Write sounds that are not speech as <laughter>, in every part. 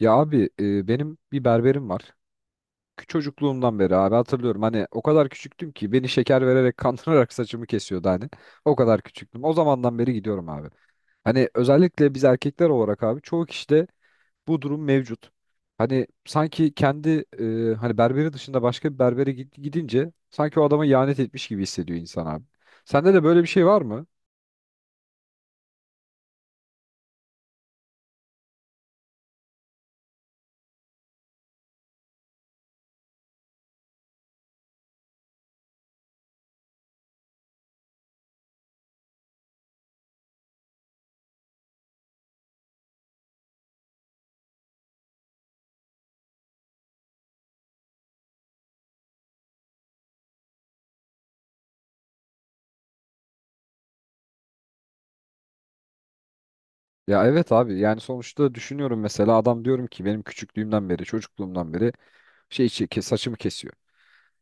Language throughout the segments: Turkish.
Ya abi benim bir berberim var. Çocukluğumdan beri abi hatırlıyorum. Hani o kadar küçüktüm ki beni şeker vererek <laughs> kandırarak saçımı kesiyordu hani. O kadar küçüktüm. O zamandan beri gidiyorum abi. Hani özellikle biz erkekler olarak abi çoğu kişide bu durum mevcut. Hani sanki kendi hani berberi dışında başka bir berbere gidince sanki o adama ihanet etmiş gibi hissediyor insan abi. Sende de böyle bir şey var mı? Ya evet abi yani sonuçta düşünüyorum mesela adam diyorum ki benim küçüklüğümden beri çocukluğumdan beri saçımı kesiyor.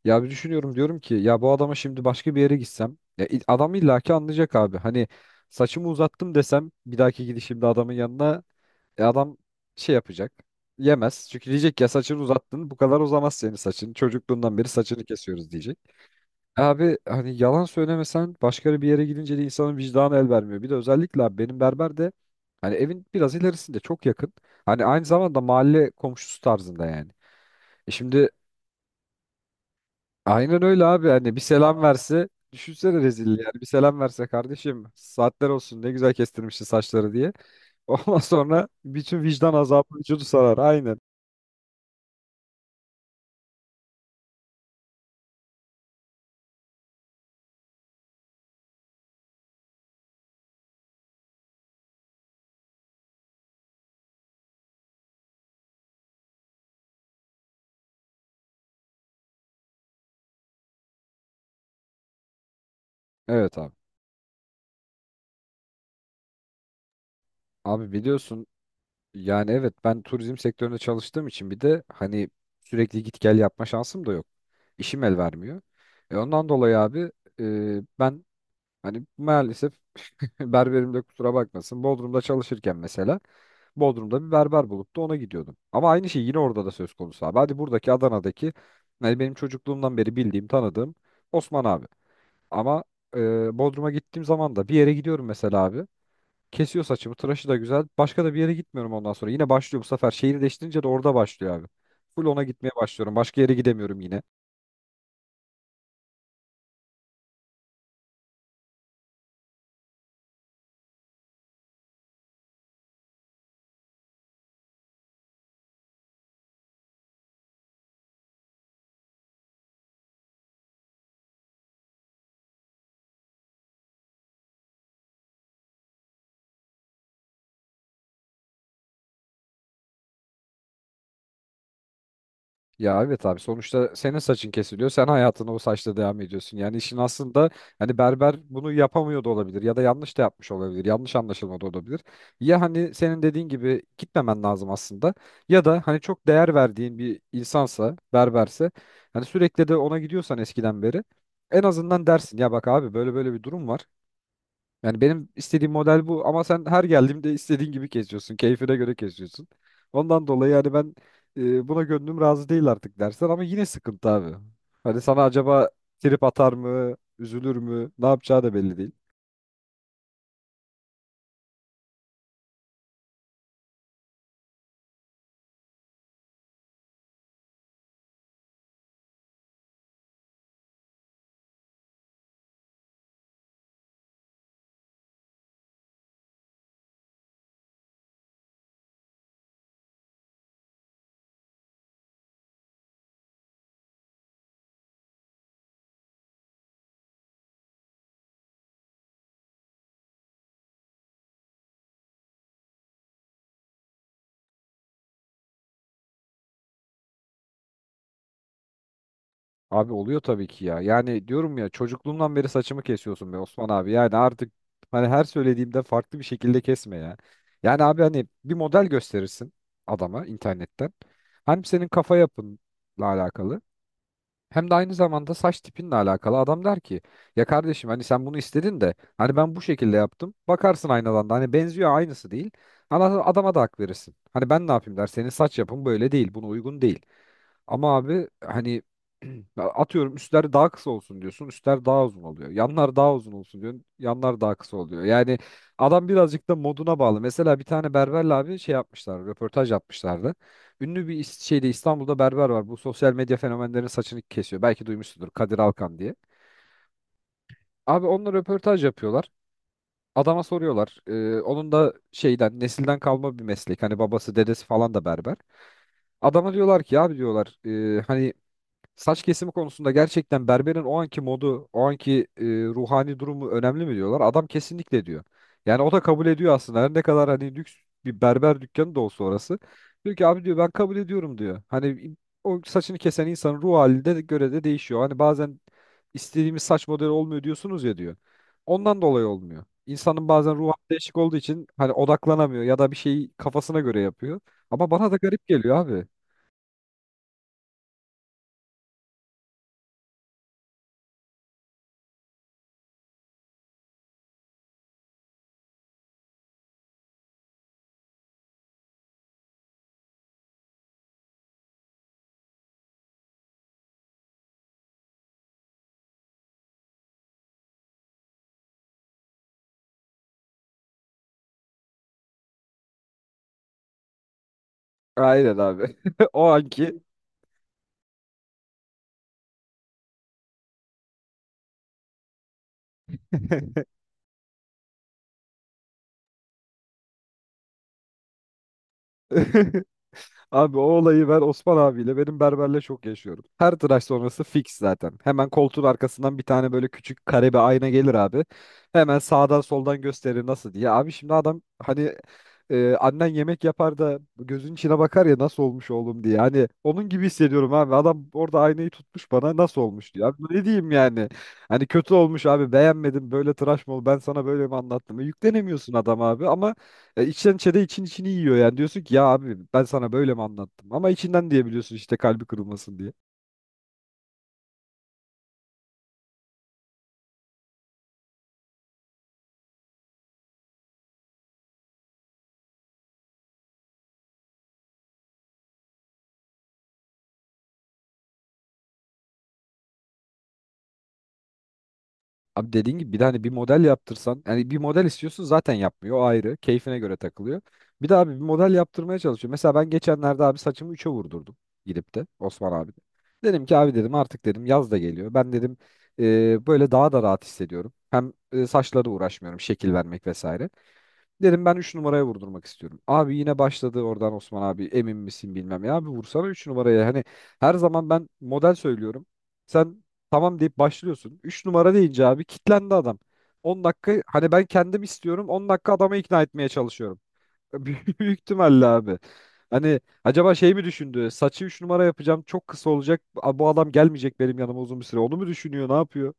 Ya bir düşünüyorum diyorum ki ya bu adama şimdi başka bir yere gitsem ya adam illaki anlayacak abi. Hani saçımı uzattım desem bir dahaki gidişimde adamın yanına adam şey yapacak. Yemez. Çünkü diyecek ya saçını uzattın bu kadar uzamaz senin saçın. Çocukluğundan beri saçını kesiyoruz diyecek. Abi hani yalan söylemesen başka bir yere gidince de insanın vicdanı el vermiyor. Bir de özellikle abi benim berber de hani evin biraz ilerisinde çok yakın. Hani aynı zamanda mahalle komşusu tarzında yani. E şimdi. Aynen öyle abi hani bir selam verse düşünsene rezilliği yani bir selam verse kardeşim saatler olsun ne güzel kestirmişsin saçları diye. <laughs> Ondan sonra bütün vicdan azabı vücudu sarar aynen. Evet abi. Abi biliyorsun yani evet ben turizm sektöründe çalıştığım için bir de hani sürekli git gel yapma şansım da yok. İşim el vermiyor. E ondan dolayı abi ben hani maalesef <laughs> berberim de kusura bakmasın Bodrum'da çalışırken mesela Bodrum'da bir berber bulup da ona gidiyordum. Ama aynı şey yine orada da söz konusu abi. Hadi buradaki Adana'daki yani benim çocukluğumdan beri bildiğim, tanıdığım Osman abi. Ama Bodrum'a gittiğim zaman da bir yere gidiyorum mesela abi. Kesiyor saçımı, tıraşı da güzel. Başka da bir yere gitmiyorum ondan sonra. Yine başlıyor bu sefer. Şehir değiştirince de orada başlıyor abi. Full ona gitmeye başlıyorum. Başka yere gidemiyorum yine. Ya evet abi sonuçta senin saçın kesiliyor. Sen hayatına o saçla devam ediyorsun. Yani işin aslında hani berber bunu yapamıyor da olabilir ya da yanlış da yapmış olabilir. Yanlış anlaşılma da olabilir. Ya hani senin dediğin gibi gitmemen lazım aslında ya da hani çok değer verdiğin bir insansa, berberse hani sürekli de ona gidiyorsan eskiden beri en azından dersin ya bak abi böyle böyle bir durum var. Yani benim istediğim model bu ama sen her geldiğimde istediğin gibi kesiyorsun. Keyfine göre kesiyorsun. Ondan dolayı yani ben buna gönlüm razı değil artık dersen ama yine sıkıntı abi. Hani sana acaba trip atar mı, üzülür mü, ne yapacağı da belli değil. Abi oluyor tabii ki ya. Yani diyorum ya çocukluğumdan beri saçımı kesiyorsun be Osman abi. Yani artık hani her söylediğimde farklı bir şekilde kesme ya. Yani abi hani bir model gösterirsin adama internetten. Hem senin kafa yapınla alakalı. Hem de aynı zamanda saç tipinle alakalı. Adam der ki ya kardeşim hani sen bunu istedin de hani ben bu şekilde yaptım. Bakarsın aynadan da hani benziyor aynısı değil. Adama da hak verirsin. Hani ben ne yapayım der senin saç yapın böyle değil buna uygun değil. Ama abi hani <clears throat> atıyorum üstler daha kısa olsun diyorsun. Üstler daha uzun oluyor. Yanlar daha uzun olsun diyorsun. Yanlar daha kısa oluyor. Yani adam birazcık da moduna bağlı. Mesela bir tane berberle abi şey yapmışlar. Röportaj yapmışlardı. Ünlü bir şeyde İstanbul'da berber var. Bu sosyal medya fenomenlerinin saçını kesiyor. Belki duymuşsundur Kadir Alkan diye. Abi onunla röportaj yapıyorlar. Adama soruyorlar. Onun da şeyden nesilden kalma bir meslek. Hani babası dedesi falan da berber. Adama diyorlar ki abi diyorlar hani saç kesimi konusunda gerçekten berberin o anki modu, o anki ruhani durumu önemli mi diyorlar? Adam kesinlikle diyor. Yani o da kabul ediyor aslında. Her ne kadar hani lüks bir berber dükkanı da olsa orası. Diyor ki abi diyor ben kabul ediyorum diyor. Hani o saçını kesen insanın ruh haline de göre de değişiyor. Hani bazen istediğimiz saç modeli olmuyor diyorsunuz ya diyor. Ondan dolayı olmuyor. İnsanın bazen ruh hali değişik olduğu için hani odaklanamıyor ya da bir şeyi kafasına göre yapıyor. Ama bana da garip geliyor abi. Aynen abi. <laughs> O anki. <laughs> Abi o olayı ben Osman abiyle benim berberle çok yaşıyorum. Her tıraş sonrası fix zaten. Hemen koltuğun arkasından bir tane böyle küçük kare bir ayna gelir abi. Hemen sağdan soldan gösterir nasıl diye. Abi şimdi adam hani annen yemek yapar da gözün içine bakar ya nasıl olmuş oğlum diye. Hani onun gibi hissediyorum abi. Adam orada aynayı tutmuş bana nasıl olmuş diyor. Abi ne diyeyim yani? Hani kötü olmuş abi beğenmedim böyle tıraş mı oldu ben sana böyle mi anlattım? E, yüklenemiyorsun adam abi ama içten içe de için içini yiyor yani. Diyorsun ki ya abi ben sana böyle mi anlattım? Ama içinden diyebiliyorsun işte kalbi kırılmasın diye. Abi dediğin gibi bir de hani bir model yaptırsan yani bir model istiyorsun zaten yapmıyor o ayrı. Keyfine göre takılıyor. Bir de abi bir model yaptırmaya çalışıyor. Mesela ben geçenlerde abi saçımı 3'e vurdurdum gidip de Osman abi de. Dedim ki abi dedim artık dedim yaz da geliyor. Ben dedim böyle daha da rahat hissediyorum. Hem saçlara uğraşmıyorum şekil vermek vesaire. Derim ben 3 numaraya vurdurmak istiyorum. Abi yine başladı oradan Osman abi emin misin bilmem ya. Abi vursana 3 numaraya. Hani her zaman ben model söylüyorum. Sen tamam deyip başlıyorsun. 3 numara deyince abi kitlendi adam. 10 dakika hani ben kendim istiyorum 10 dakika adamı ikna etmeye çalışıyorum. <laughs> Büyük ihtimalle abi. Hani acaba şey mi düşündü? Saçı 3 numara yapacağım çok kısa olacak. Bu adam gelmeyecek benim yanıma uzun bir süre. Onu mu düşünüyor ne yapıyor?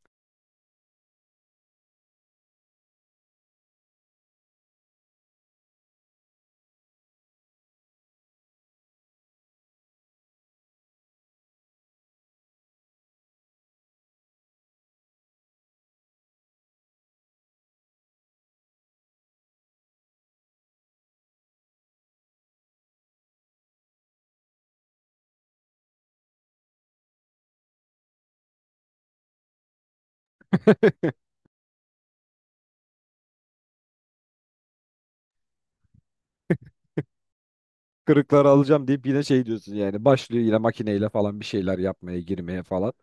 Kırıkları alacağım deyip yine şey diyorsun yani başlıyor yine makineyle falan bir şeyler yapmaya girmeye falan.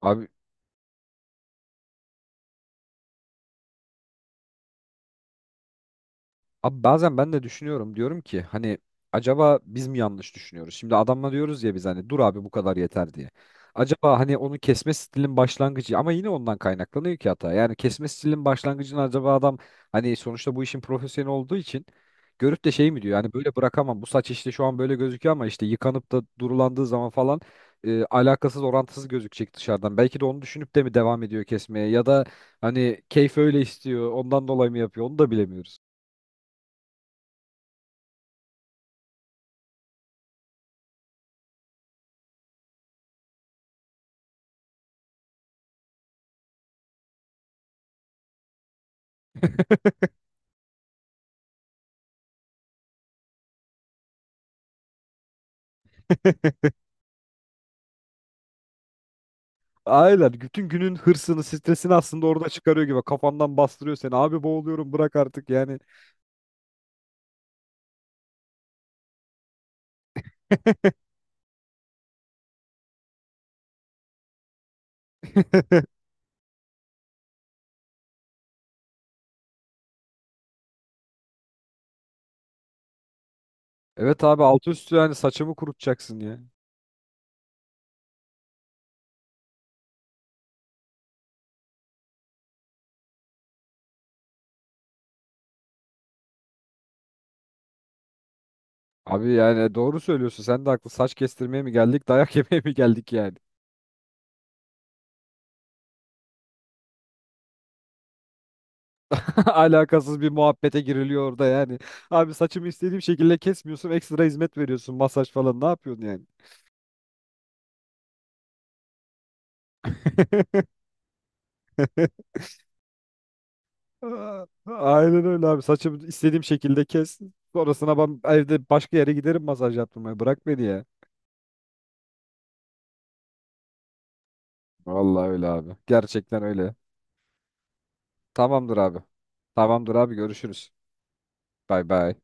Abi Abi bazen ben de düşünüyorum diyorum ki hani acaba biz mi yanlış düşünüyoruz? Şimdi adamla diyoruz ya biz hani dur abi bu kadar yeter diye. Acaba hani onu kesme stilin başlangıcı ama yine ondan kaynaklanıyor ki hata. Yani kesme stilin başlangıcını acaba adam hani sonuçta bu işin profesyoneli olduğu için görüp de şey mi diyor yani böyle bırakamam bu saç işte şu an böyle gözüküyor ama işte yıkanıp da durulandığı zaman falan alakasız orantısız gözükecek dışarıdan. Belki de onu düşünüp de mi devam ediyor kesmeye ya da hani keyfi öyle istiyor ondan dolayı mı yapıyor onu da bilemiyoruz. <laughs> Aynen. Bütün günün hırsını, stresini aslında orada çıkarıyor gibi. Kafandan bastırıyor seni. Abi boğuluyorum bırak artık yani. <laughs> Evet abi altı üstü yani saçımı kurutacaksın ya. Abi yani doğru söylüyorsun. Sen de haklı. Saç kestirmeye mi geldik, dayak <laughs> yemeye mi geldik yani? <laughs> Alakasız bir muhabbete giriliyor orada yani. Abi saçımı istediğim şekilde kesmiyorsun, ekstra hizmet veriyorsun, masaj falan. Ne yapıyorsun yani? <laughs> Aa, aynen öyle abi. Saçımı istediğim şekilde kes. Sonrasına ben evde başka yere giderim masaj yaptırmaya. Bırak beni ya. Vallahi öyle abi. Gerçekten öyle. Tamamdır abi. Tamamdır abi görüşürüz. Bay bay.